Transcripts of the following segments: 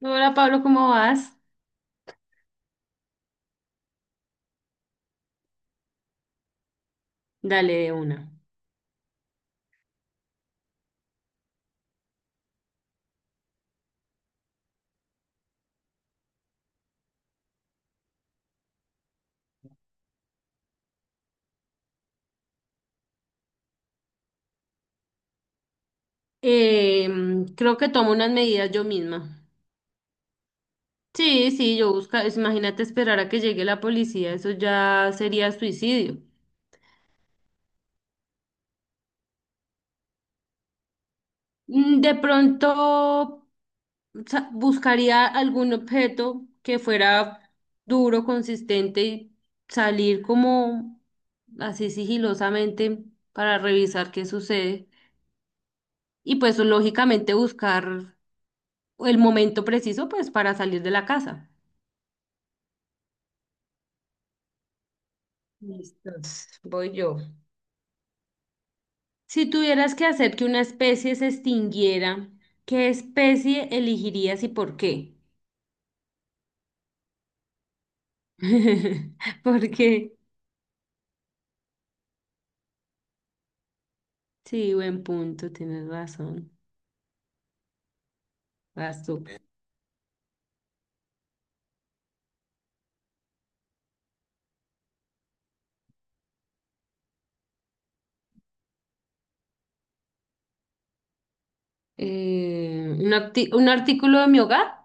Hola Pablo, ¿cómo vas? Dale de una. Creo que tomo unas medidas yo misma. Sí, sí, imagínate esperar a que llegue la policía, eso ya sería suicidio. De pronto buscaría algún objeto que fuera duro, consistente y salir como así sigilosamente para revisar qué sucede. Y pues lógicamente buscar el momento preciso pues para salir de la casa. Listos, voy yo. Si tuvieras que hacer que una especie se extinguiera, ¿qué especie elegirías y por qué? Porque, sí, buen punto, tienes razón. Vas tú. Un artículo de mi hogar?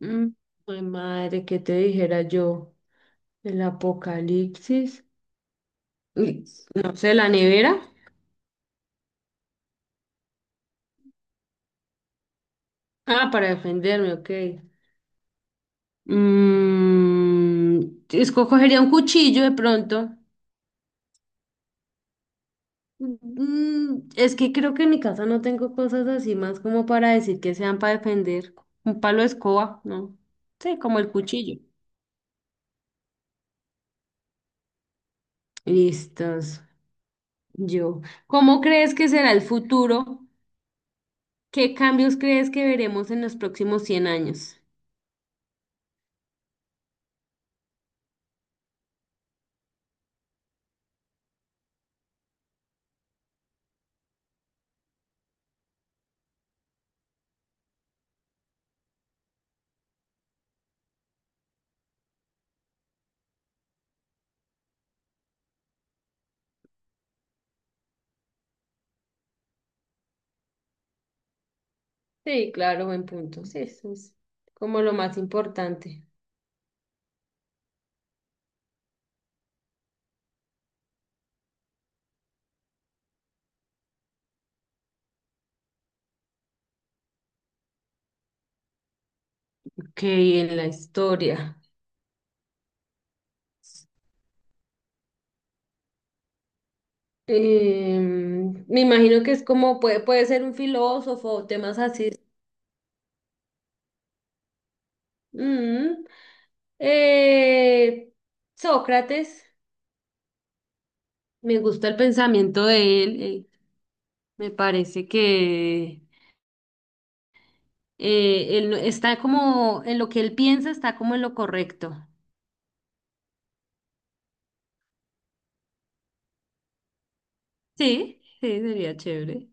Mm, ay, madre, ¿qué te dijera yo? El apocalipsis. Y, No sé, la nevera. Ah, para defenderme, ok. Mm, Escogería un cuchillo de pronto. Es que creo que en mi casa no tengo cosas así más como para decir que sean para defender. Un palo de escoba, ¿no? Sí, como el cuchillo. Listos. Yo. ¿Cómo crees que será el futuro? ¿Qué cambios crees que veremos en los próximos 100 años? Sí, claro, buen punto. Sí, eso es como lo más importante. Ok, en la historia. Me imagino que es como puede ser un filósofo o temas así. Mm, Eh, Sócrates, me gusta el pensamiento de él, me parece que él no- está como en lo que él piensa, está como en lo correcto. Sí, sí, sería chévere.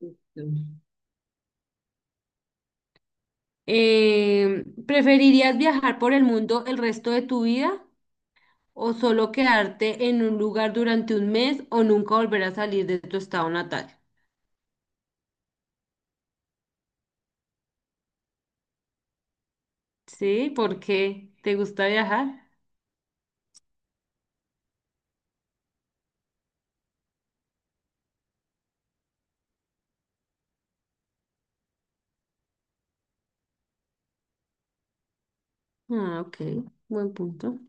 Listo. ¿Preferirías viajar por el mundo el resto de tu vida o solo quedarte en un lugar durante un mes o nunca volver a salir de tu estado natal? Sí, ¿por qué te gusta viajar? Ah, ok, buen punto.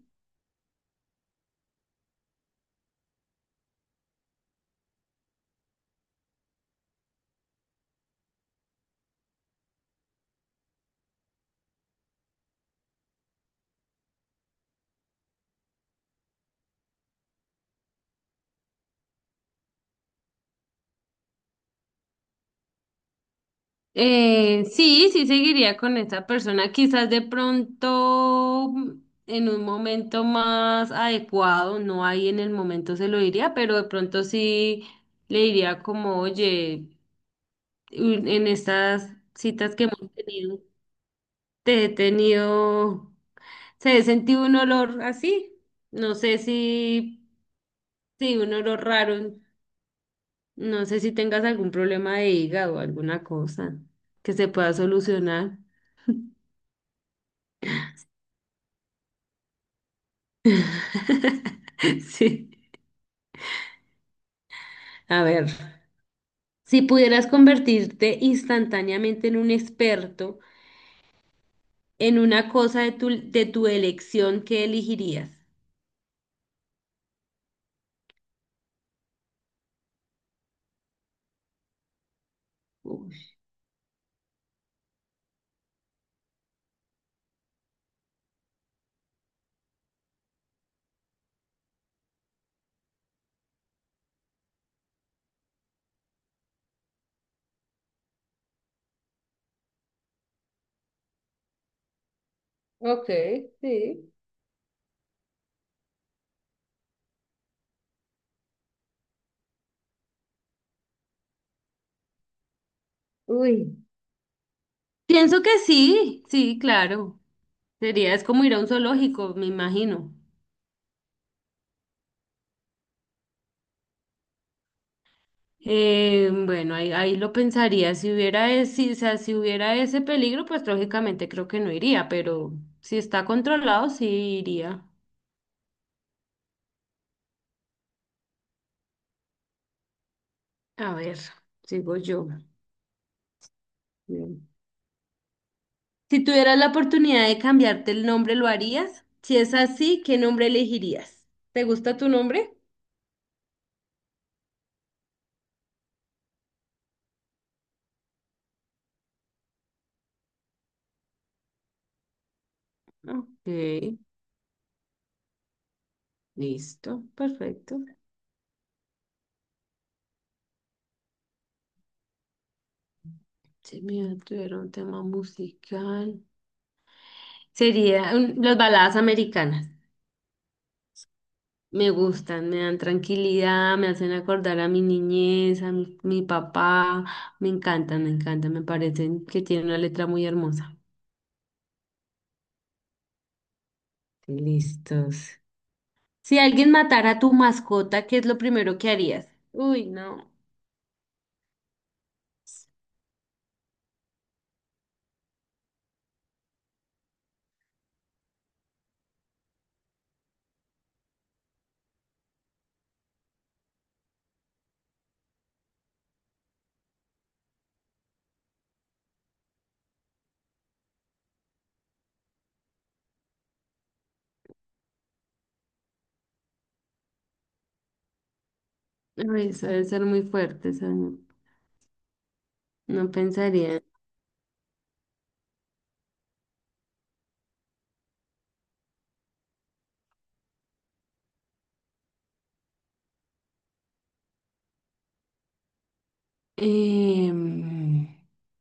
Sí, sí seguiría con esa persona, quizás de pronto en un momento más adecuado, no ahí en el momento se lo diría, pero de pronto sí le diría como, oye, en estas citas que hemos tenido, te he tenido, se he sentido un olor así, no sé si, sí, un olor raro, no sé si tengas algún problema de hígado o alguna cosa que se pueda solucionar. Sí, a ver, si pudieras convertirte instantáneamente en un experto en una cosa de tu, elección, ¿qué elegirías? Uy. Ok, sí. Uy. Pienso que sí, sí, claro. Sería, es como ir a un zoológico, me imagino. Bueno, ahí lo pensaría. Si hubiera ese, o sea, si hubiera ese peligro, pues lógicamente creo que no iría, pero si está controlado, sí iría. A ver, sigo yo. Bien. Si tuvieras la oportunidad de cambiarte el nombre, ¿lo harías? Si es así, ¿qué nombre elegirías? ¿Te gusta tu nombre? Ok, listo, perfecto. Si me tuviera un tema musical. Sería las baladas americanas. Me gustan, me dan tranquilidad, me hacen acordar a mi niñez, a mi papá. Me encantan, me encantan, me parecen que tienen una letra muy hermosa. Listos. Si alguien matara a tu mascota, ¿qué es lo primero que harías? Uy, no. Uy, eso debe ser muy fuerte, eso no, no pensaría. Em,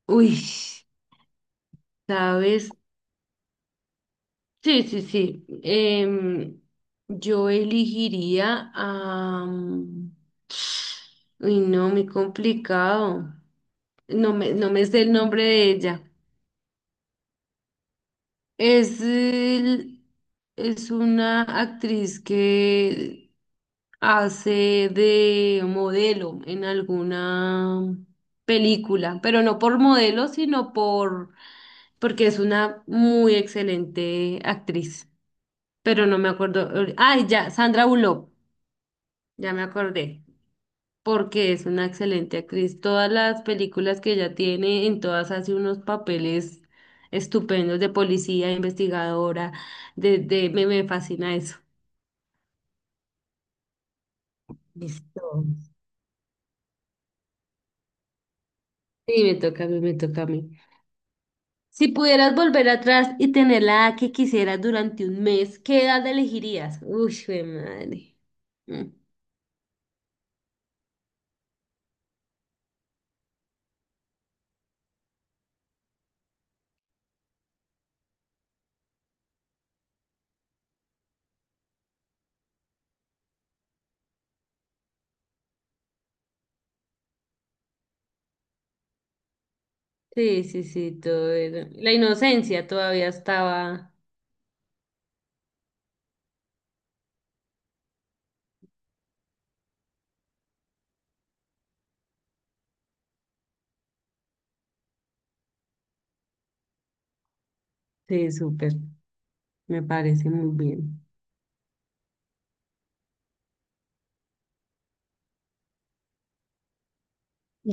uy, ¿sabes? Sí, sí, sí. Yo elegiría a... Uy, no, muy complicado. No me sé el nombre de ella. Es, el- es una actriz que hace de modelo en alguna película, pero no por modelo, sino porque es una muy excelente actriz. Pero no me acuerdo. Ay, ya, Sandra Bullock, ya me acordé porque es una excelente actriz. Todas las películas que ella tiene, en todas hace unos papeles estupendos de policía, investigadora, me fascina eso. Listo. Sí, me toca a mí, me toca a mí. Si pudieras volver atrás y tener la edad que quisieras durante un mes, ¿qué edad elegirías? Uy, jue madre. Mm. Sí, sí, sí, todo era- La inocencia todavía estaba. Sí, súper. Me parece muy bien.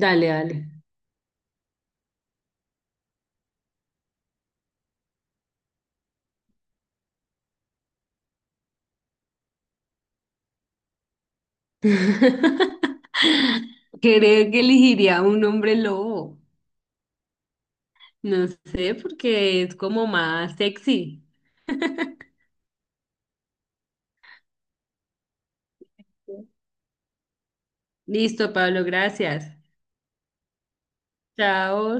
Dale, dale. Creo que elegiría un hombre lobo. No sé, porque es como más sexy. Listo, Pablo, gracias. Chao.